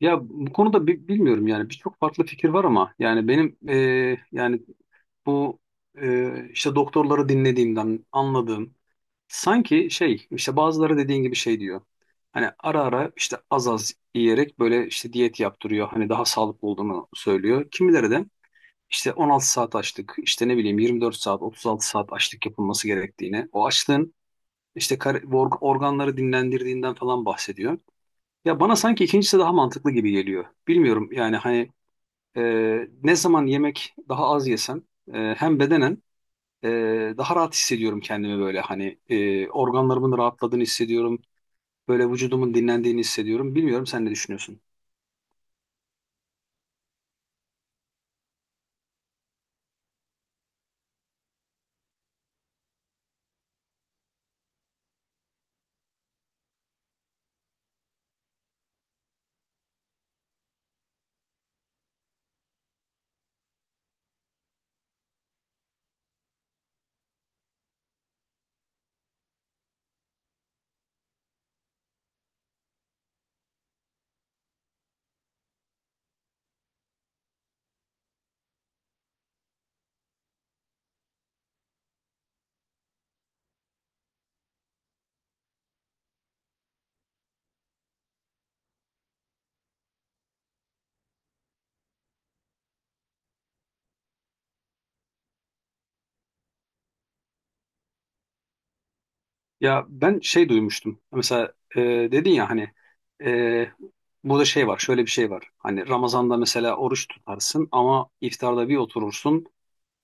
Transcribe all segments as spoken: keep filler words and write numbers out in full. Ya bu konuda bi- bilmiyorum, yani birçok farklı fikir var ama yani benim, e, yani bu, e, işte doktorları dinlediğimden anladığım sanki şey, işte bazıları dediğin gibi şey diyor. Hani ara ara işte az az yiyerek böyle işte diyet yaptırıyor. Hani daha sağlıklı olduğunu söylüyor. Kimileri de işte on altı saat açlık, işte ne bileyim yirmi dört saat otuz altı saat açlık yapılması gerektiğini, o açlığın işte kar- org- organları dinlendirdiğinden falan bahsediyor. Ya bana sanki ikincisi daha mantıklı gibi geliyor. Bilmiyorum yani hani, e, ne zaman yemek daha az yesem, e, hem bedenen, e, daha rahat hissediyorum kendimi, böyle hani e, organlarımın rahatladığını hissediyorum. Böyle vücudumun dinlendiğini hissediyorum. Bilmiyorum, sen ne düşünüyorsun? Ya ben şey duymuştum. Mesela e, dedin ya hani, e, burada şey var, şöyle bir şey var. Hani Ramazan'da mesela oruç tutarsın ama iftarda bir oturursun.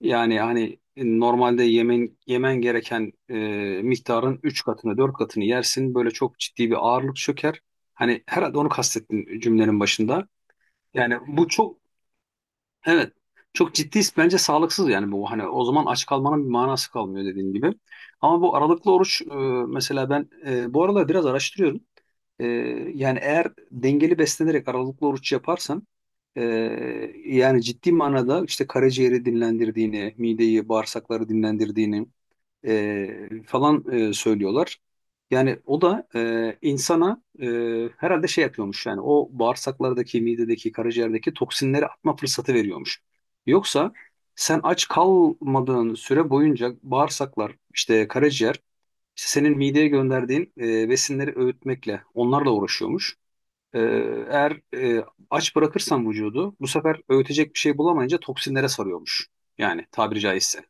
Yani hani, e, normalde yemen yemen gereken, e, miktarın üç katını dört katını yersin. Böyle çok ciddi bir ağırlık çöker. Hani herhalde onu kastettin cümlenin başında. Yani bu çok, evet, çok ciddi bence sağlıksız, yani bu hani o zaman aç kalmanın bir manası kalmıyor dediğin gibi. Ama bu aralıklı oruç, e, mesela ben, e, bu aralar biraz araştırıyorum. Ee, Yani eğer dengeli beslenerek aralıklı oruç yaparsan, e, yani ciddi manada işte karaciğeri dinlendirdiğini, mideyi, bağırsakları dinlendirdiğini, e, falan e, söylüyorlar. Yani o da, e, insana, e, herhalde şey yapıyormuş, yani o bağırsaklardaki, midedeki, karaciğerdeki toksinleri atma fırsatı veriyormuş. Yoksa sen aç kalmadığın süre boyunca bağırsaklar, işte karaciğer, işte senin mideye gönderdiğin, e, besinleri öğütmekle, onlarla uğraşıyormuş. E, Eğer, e, aç bırakırsan vücudu, bu sefer öğütecek bir şey bulamayınca toksinlere sarıyormuş. Yani tabiri caizse.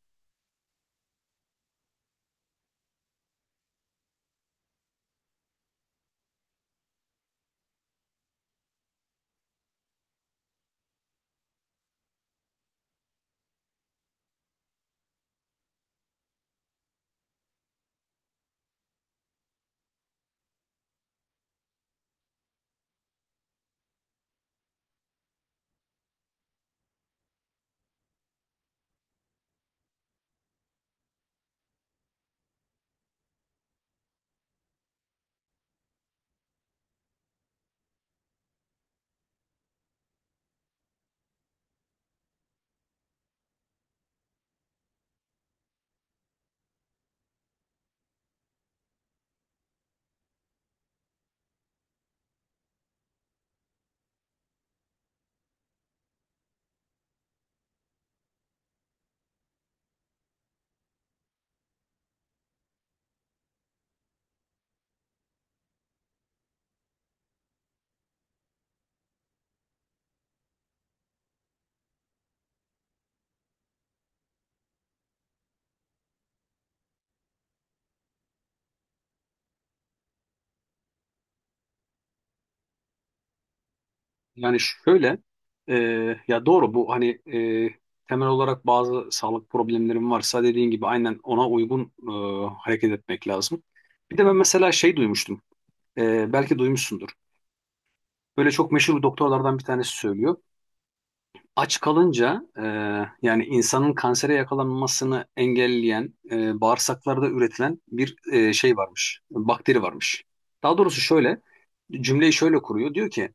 Yani şöyle, e, ya doğru bu hani, e, temel olarak bazı sağlık problemlerim varsa dediğin gibi aynen ona uygun, e, hareket etmek lazım. Bir de ben mesela şey duymuştum, e, belki duymuşsundur. Böyle çok meşhur doktorlardan bir tanesi söylüyor. Aç kalınca, e, yani insanın kansere yakalanmasını engelleyen, e, bağırsaklarda üretilen bir, e, şey varmış, bakteri varmış. Daha doğrusu şöyle, cümleyi şöyle kuruyor. Diyor ki,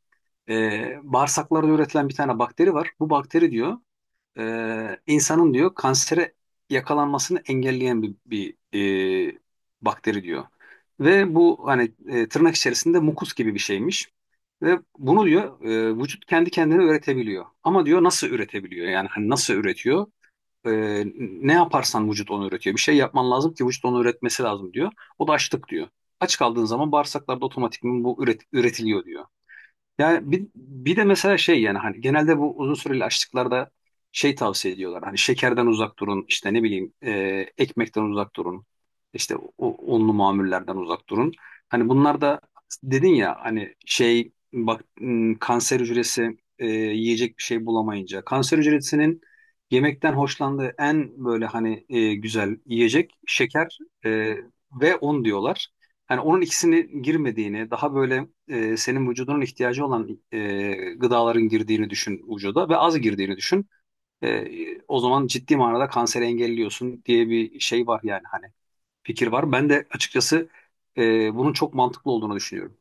e, bağırsaklarda üretilen bir tane bakteri var. Bu bakteri diyor, e, insanın diyor kansere yakalanmasını engelleyen bir, bir e, bakteri diyor. Ve bu hani, e, tırnak içerisinde mukus gibi bir şeymiş. Ve bunu diyor, e, vücut kendi kendine üretebiliyor. Ama diyor nasıl üretebiliyor? Yani hani nasıl üretiyor? E, Ne yaparsan vücut onu üretiyor. Bir şey yapman lazım ki vücut onu üretmesi lazım diyor. O da açlık diyor. Aç kaldığın zaman bağırsaklarda otomatikman bu üret- üretiliyor diyor. Yani bir, bir de mesela şey, yani hani genelde bu uzun süreli açlıklarda şey tavsiye ediyorlar. Hani şekerden uzak durun, işte ne bileyim, e, ekmekten uzak durun, işte o, onlu mamullerden uzak durun. Hani bunlar da dedin ya hani şey bak, m, kanser hücresi, e, yiyecek bir şey bulamayınca kanser hücresinin yemekten hoşlandığı en böyle hani, e, güzel yiyecek şeker, e, ve un diyorlar. Yani onun ikisini girmediğini, daha böyle, e, senin vücudunun ihtiyacı olan, e, gıdaların girdiğini düşün vücuda ve az girdiğini düşün. E, o zaman ciddi manada kanseri engelliyorsun diye bir şey var yani hani, fikir var. Ben de açıkçası, e, bunun çok mantıklı olduğunu düşünüyorum.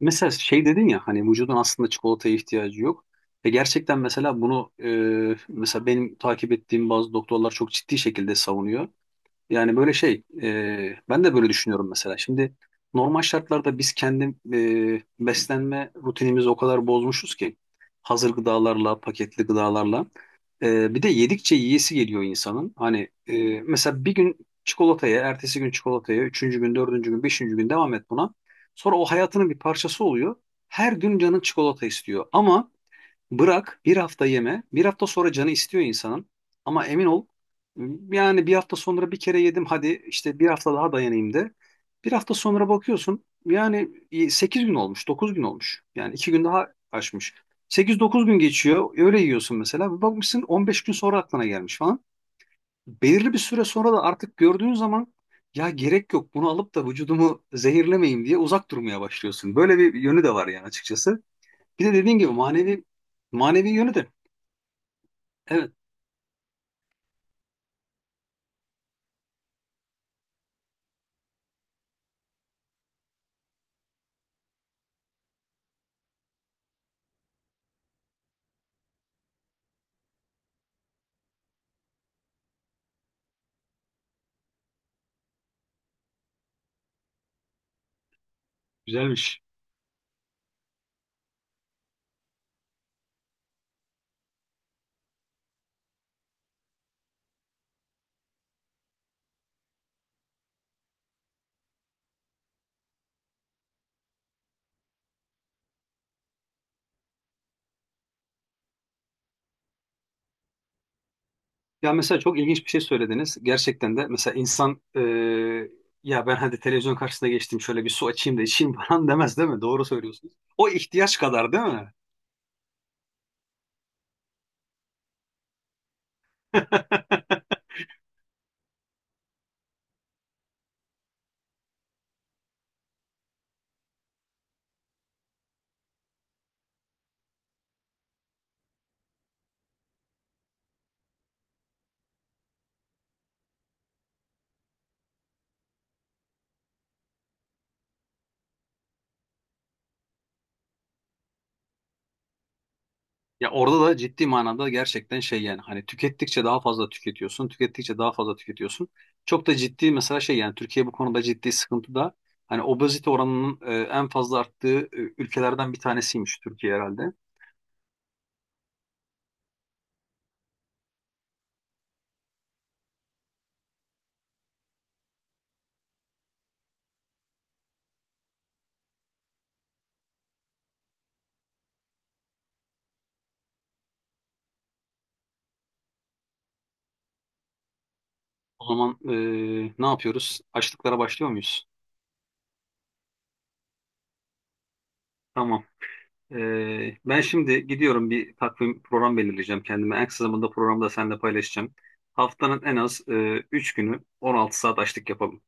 Mesela şey dedin ya hani vücudun aslında çikolataya ihtiyacı yok. E, gerçekten mesela bunu, e, mesela benim takip ettiğim bazı doktorlar çok ciddi şekilde savunuyor. Yani böyle şey, e, ben de böyle düşünüyorum mesela. Şimdi normal şartlarda biz kendi, e, beslenme rutinimizi o kadar bozmuşuz ki hazır gıdalarla, paketli gıdalarla. E, bir de yedikçe yiyesi geliyor insanın. Hani, e, mesela bir gün çikolataya, ertesi gün çikolataya, üçüncü gün, dördüncü gün, beşinci gün devam et buna. Sonra o hayatının bir parçası oluyor. Her gün canın çikolata istiyor. Ama Bırak bir hafta yeme. Bir hafta sonra canı istiyor insanın. Ama emin ol, yani bir hafta sonra bir kere yedim, hadi işte bir hafta daha dayanayım de. Bir hafta sonra bakıyorsun, yani e, sekiz gün olmuş, dokuz gün olmuş. Yani iki gün daha aşmış. Sekiz dokuz gün geçiyor öyle yiyorsun mesela. Bir bakmışsın on beş gün sonra aklına gelmiş falan. Belirli bir süre sonra da artık gördüğün zaman ya gerek yok bunu alıp da vücudumu zehirlemeyeyim diye uzak durmaya başlıyorsun. Böyle bir yönü de var yani açıkçası. Bir de dediğin gibi manevi manevi yönü de, evet, güzelmiş. Ya mesela çok ilginç bir şey söylediniz. Gerçekten de mesela insan, e, ya ben hadi televizyon karşısına geçtim şöyle bir su açayım da içeyim falan demez değil mi? Doğru söylüyorsunuz. O ihtiyaç kadar değil mi? Ya orada da ciddi manada gerçekten şey, yani hani tükettikçe daha fazla tüketiyorsun, tükettikçe daha fazla tüketiyorsun. Çok da ciddi mesela şey, yani Türkiye bu konuda ciddi sıkıntıda. Hani obezite oranının, e, en fazla arttığı, e, ülkelerden bir tanesiymiş Türkiye herhalde. O zaman, e, ne yapıyoruz? Açlıklara başlıyor muyuz? Tamam. Ee, ben şimdi gidiyorum, bir takvim program belirleyeceğim kendime. En kısa zamanda programı da seninle paylaşacağım. Haftanın en az, e, üç günü on altı saat açlık yapalım.